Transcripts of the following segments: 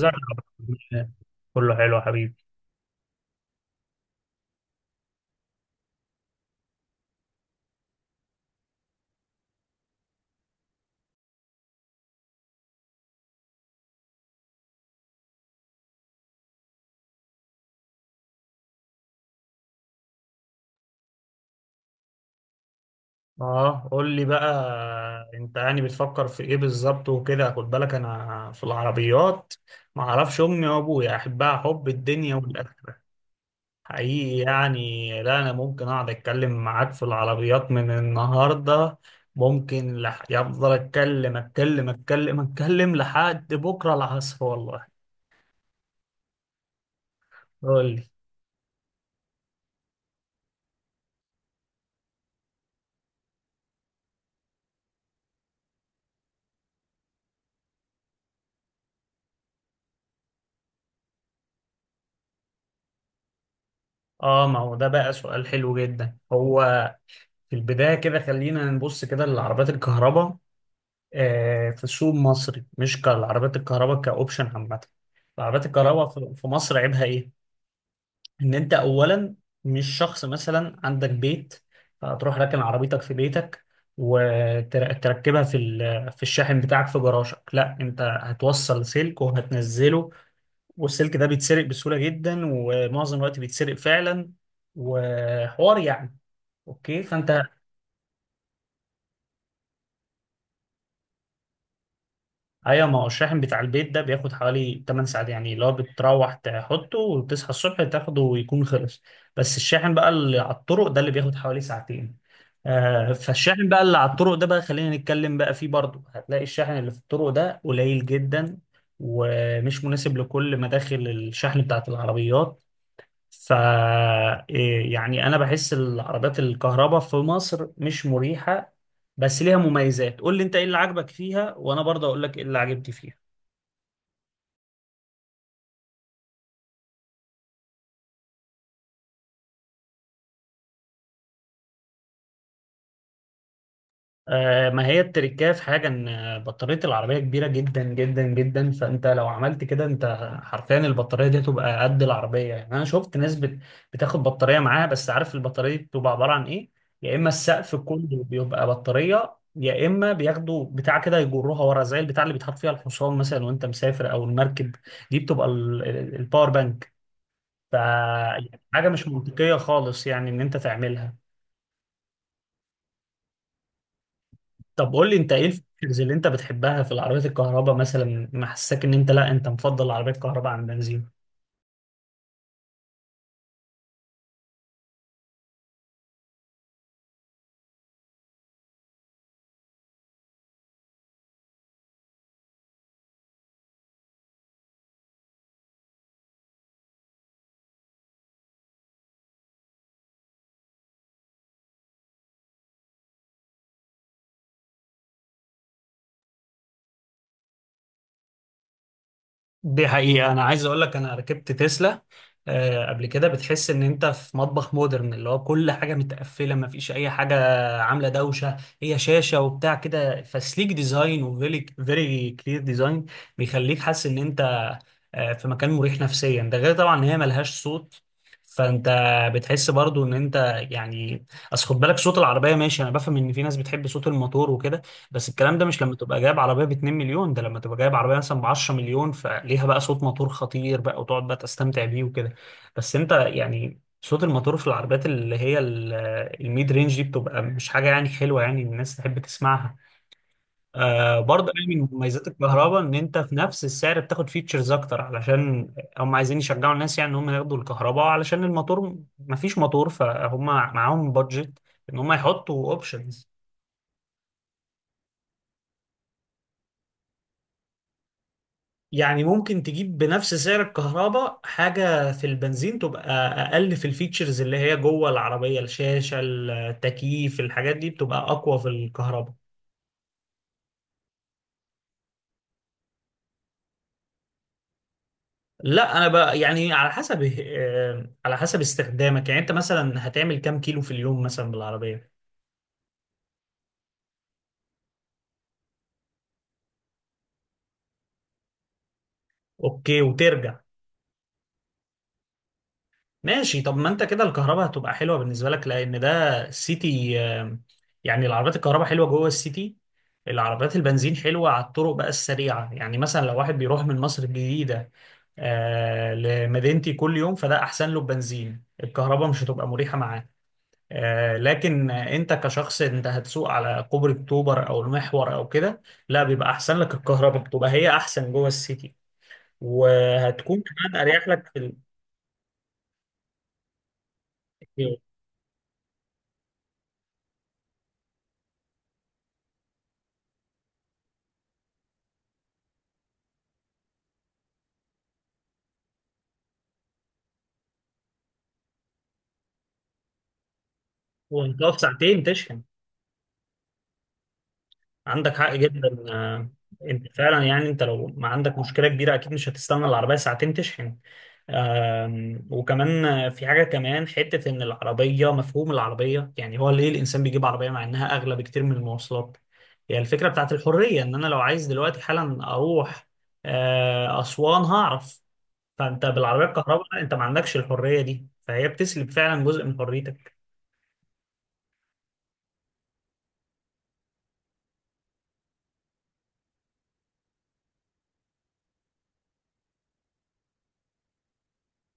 زرع، كله حلو يا حبيبي. اه، قول لي بقى انت يعني بتفكر في ايه بالظبط وكده. خد بالك انا في العربيات ما اعرفش، امي وابويا احبها حب الدنيا والاخره حقيقي. يعني لا، انا ممكن اقعد اتكلم معاك في العربيات من النهارده، ممكن يفضل اتكلم اتكلم اتكلم اتكلم لحد بكره العصر والله. قول لي. اه، ما هو ده بقى سؤال حلو جدا. هو في البداية كده خلينا نبص كده للعربيات الكهرباء. في سوق مصري مش كالعربيات الكهرباء كأوبشن عامة. العربيات الكهرباء في مصر عيبها إيه؟ إن أنت أولا مش شخص مثلا عندك بيت هتروح راكن عربيتك في بيتك وتركبها في الشاحن بتاعك في جراجك. لا انت هتوصل سلك وهتنزله، والسلك ده بيتسرق بسهولة جدا ومعظم الوقت بيتسرق فعلا. وحوار يعني. اوكي فانت، ايوه ما هو الشاحن بتاع البيت ده بياخد حوالي 8 ساعات، يعني اللي هو بتروح تحطه وتصحى الصبح تاخده ويكون خلص. بس الشاحن بقى اللي على الطرق ده اللي بياخد حوالي ساعتين. آه، فالشاحن بقى اللي على الطرق ده بقى خلينا نتكلم بقى فيه برضه. هتلاقي الشاحن اللي في الطرق ده قليل جدا ومش مناسب لكل مداخل الشحن بتاعت العربيات. ف، إيه يعني انا بحس العربيات الكهرباء في مصر مش مريحة، بس ليها مميزات. قول لي انت ايه اللي عاجبك فيها وانا برضه اقول لك ايه اللي عجبتي فيها. ما هي التركية في حاجة ان بطارية العربية كبيرة جدا جدا جدا. فانت لو عملت كده انت حرفيا البطارية دي تبقى قد العربية. يعني انا شفت ناس بتاخد بطارية معاها. بس عارف البطارية دي بتبقى عبارة عن ايه؟ يا اما السقف كله بيبقى بطارية، يا اما بياخدوا بتاع كده يجروها ورا زي البتاع اللي بيتحط فيها الحصان مثلا وانت مسافر، او المركب. دي بتبقى الباور بانك. ف، حاجة مش منطقية خالص يعني ان انت تعملها. طب قول لي انت ايه الفيتشرز اللي انت بتحبها في العربيات الكهرباء مثلا محسسك ان انت، لا، انت مفضل العربيات الكهرباء عن بنزين؟ دي حقيقة، أنا عايز أقول لك أنا ركبت تسلا قبل كده. بتحس إن أنت في مطبخ مودرن اللي هو كل حاجة متقفلة، مفيش أي حاجة عاملة دوشة، هي شاشة وبتاع كده. فسليك ديزاين وفيري فيري كلير ديزاين بيخليك حاسس إن أنت في مكان مريح نفسيا. ده غير طبعا إن هي ملهاش صوت، فانت بتحس برضو ان انت، يعني، اصل خد بالك صوت العربيه ماشي. انا بفهم ان في ناس بتحب صوت الموتور وكده، بس الكلام ده مش لما تبقى جايب عربية ب 2 مليون، ده لما تبقى جايب عربية مثلا ب 10 مليون، فليها بقى صوت موتور خطير بقى وتقعد بقى تستمتع بيه وكده. بس انت يعني صوت الموتور في العربيات اللي هي الميد رينج دي بتبقى مش حاجة يعني حلوة يعني الناس تحب تسمعها. آه، برضه يعني من مميزات الكهرباء ان انت في نفس السعر بتاخد فيتشرز اكتر، علشان هم عايزين يشجعوا الناس يعني ان هم ياخدوا الكهرباء. علشان الموتور مفيش موتور، فهم معاهم بادجت ان هم يحطوا اوبشنز. يعني ممكن تجيب بنفس سعر الكهرباء حاجة في البنزين تبقى أقل في الفيتشرز، اللي هي جوه العربية الشاشة التكييف الحاجات دي بتبقى أقوى في الكهرباء. لا أنا بقى يعني على حسب، على حسب استخدامك. يعني أنت مثلا هتعمل كام كيلو في اليوم مثلا بالعربية؟ أوكي وترجع. ماشي. طب ما انت كده الكهرباء هتبقى حلوه بالنسبه لك، لان ده السيتي. يعني العربيات الكهرباء حلوه جوه السيتي. العربيات البنزين حلوه على الطرق بقى السريعه. يعني مثلا لو واحد بيروح من مصر الجديده لمدينتي كل يوم، فده احسن له بنزين، الكهرباء مش هتبقى مريحه معاه. لكن انت كشخص انت هتسوق على كوبري اكتوبر او المحور او كده، لا، بيبقى احسن لك الكهرباء، بتبقى هي احسن جوه السيتي. وهتكون كمان اريح لك في ال... وانت في ساعتين تشحن. عندك حق جدا. انت فعلا يعني انت لو ما عندك مشكله كبيره اكيد مش هتستنى العربيه ساعتين تشحن. وكمان في حاجه كمان حته ان العربيه مفهوم العربيه. يعني هو ليه الانسان بيجيب عربيه مع انها اغلى بكتير من المواصلات؟ هي يعني الفكره بتاعت الحريه، ان انا لو عايز دلوقتي حالا اروح اسوان هعرف. فانت بالعربيه الكهرباء انت ما عندكش الحريه دي، فهي بتسلب فعلا جزء من حريتك.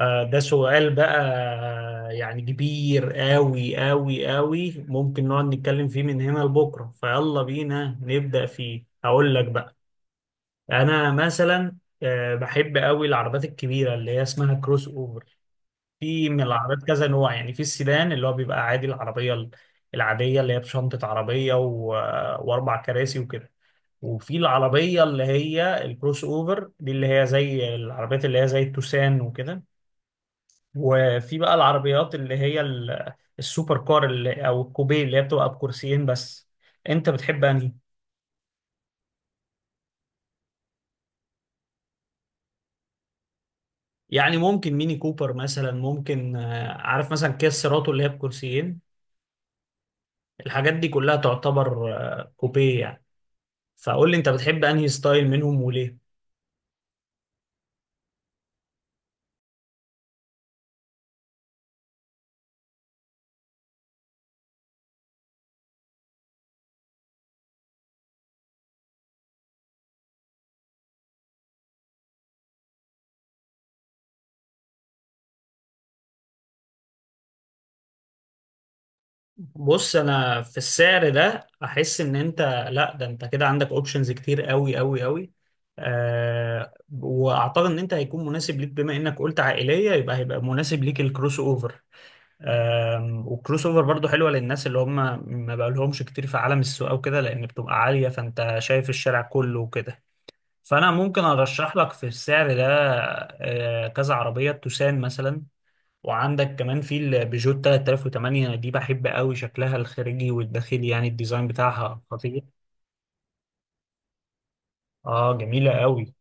ده سؤال بقى يعني كبير قوي قوي قوي، ممكن نقعد نتكلم فيه من هنا لبكرة. فيلا بينا نبدأ فيه، هقول لك بقى. أنا مثلا بحب قوي العربات الكبيرة اللي هي اسمها كروس أوفر. في من العربات كذا نوع. يعني في السيدان اللي هو بيبقى عادي، العربية العادية اللي هي بشنطة عربية و... وأربع كراسي وكده. وفي العربية اللي هي الكروس أوفر دي اللي هي زي العربيات اللي هي زي التوسان وكده. وفي بقى العربيات اللي هي السوبر كار اللي او الكوبيه اللي هي بتبقى بكرسيين بس. انت بتحب انهي؟ يعني ممكن ميني كوبر مثلا، ممكن عارف مثلا كيا سيراتو اللي هي بكرسيين. الحاجات دي كلها تعتبر كوبيه يعني. فقول لي انت بتحب انهي ستايل منهم وليه؟ بص انا في السعر ده احس ان انت، لا، ده انت كده عندك اوبشنز كتير قوي قوي قوي. آه، واعتقد ان انت هيكون مناسب ليك بما انك قلت عائليه، يبقى هيبقى مناسب ليك الكروس اوفر. والكروس اوفر برضو حلوه للناس اللي هم ما بقالهمش كتير في عالم السوق او كده، لان بتبقى عاليه فانت شايف الشارع كله وكده. فانا ممكن ارشح لك في السعر ده كذا عربيه توسان مثلا. وعندك كمان في البيجو 3008 دي، بحب قوي شكلها الخارجي والداخلي، يعني الديزاين بتاعها خطير. اه، جميله قوي.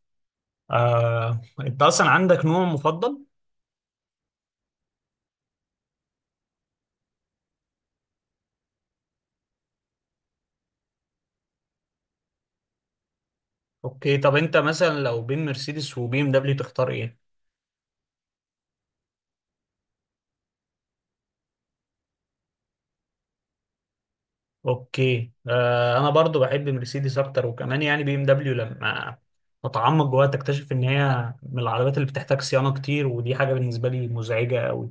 انت اصلا عندك نوع مفضل؟ اوكي، طب انت مثلا لو بين مرسيدس وبي ام دبليو تختار ايه؟ اوكي، آه، انا برضو بحب مرسيدس اكتر. وكمان يعني بي ام دبليو لما اتعمق جواها تكتشف ان هي من العربيات اللي بتحتاج صيانه كتير، ودي حاجه بالنسبه لي مزعجه قوي.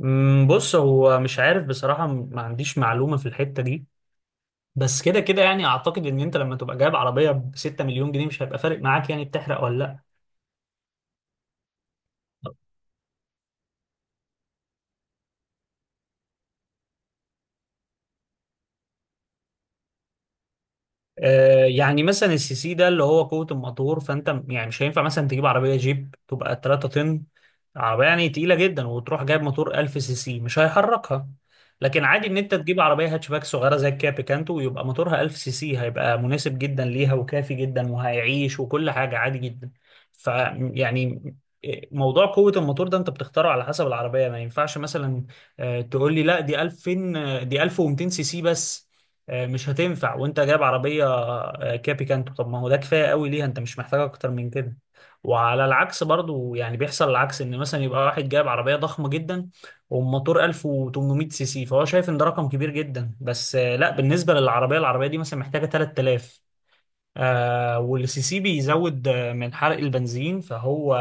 بص هو مش عارف بصراحه، ما عنديش معلومه في الحته دي. بس كده كده يعني اعتقد ان انت لما تبقى جايب عربيه ب 6 مليون جنيه مش هيبقى فارق معاك يعني بتحرق ولا لا. يعني مثلا السي سي ده اللي هو قوة الموتور. فانت يعني مش هينفع مثلا تجيب عربية جيب تبقى 3 طن، عربية يعني تقيلة جدا، وتروح جايب موتور 1000 سي سي مش هيحركها. لكن عادي ان انت تجيب عربية هاتشباك صغيرة زي الكيا بيكانتو ويبقى موتورها 1000 سي سي، هيبقى مناسب جدا ليها وكافي جدا وهيعيش وكل حاجة عادي جدا. ف، يعني موضوع قوة الموتور ده انت بتختاره على حسب العربية. ما ينفعش مثلا تقول لي لا دي 2000، دي 1200 سي سي بس، مش هتنفع وانت جايب عربية كابي كانتو، طب ما هو ده كفاية قوي ليها، انت مش محتاج اكتر من كده. وعلى العكس برضو يعني بيحصل العكس، ان مثلا يبقى واحد جايب عربية ضخمة جدا وموتور 1800 سي سي فهو شايف ان ده رقم كبير جدا، بس لا، بالنسبة للعربية العربية دي مثلا محتاجة 3000. والسي سي بيزود من حرق البنزين، فهو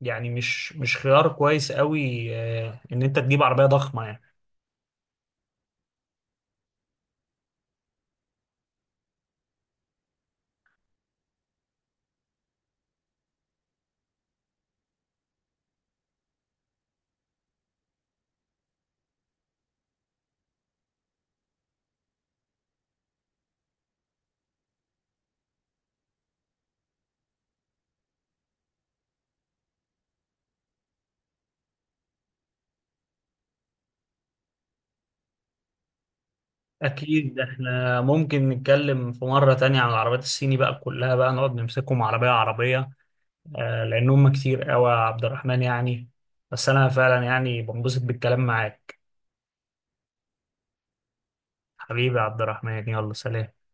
يعني مش خيار كويس قوي ان انت تجيب عربية ضخمة يعني. أكيد إحنا ممكن نتكلم في مرة تانية عن العربيات الصيني بقى كلها، بقى نقعد نمسكهم عربية عربية. لأن هم كتير أوي يا عبد الرحمن يعني. بس أنا فعلا يعني بنبسط بالكلام معاك. حبيبي يا عبد الرحمن، يلا سلام.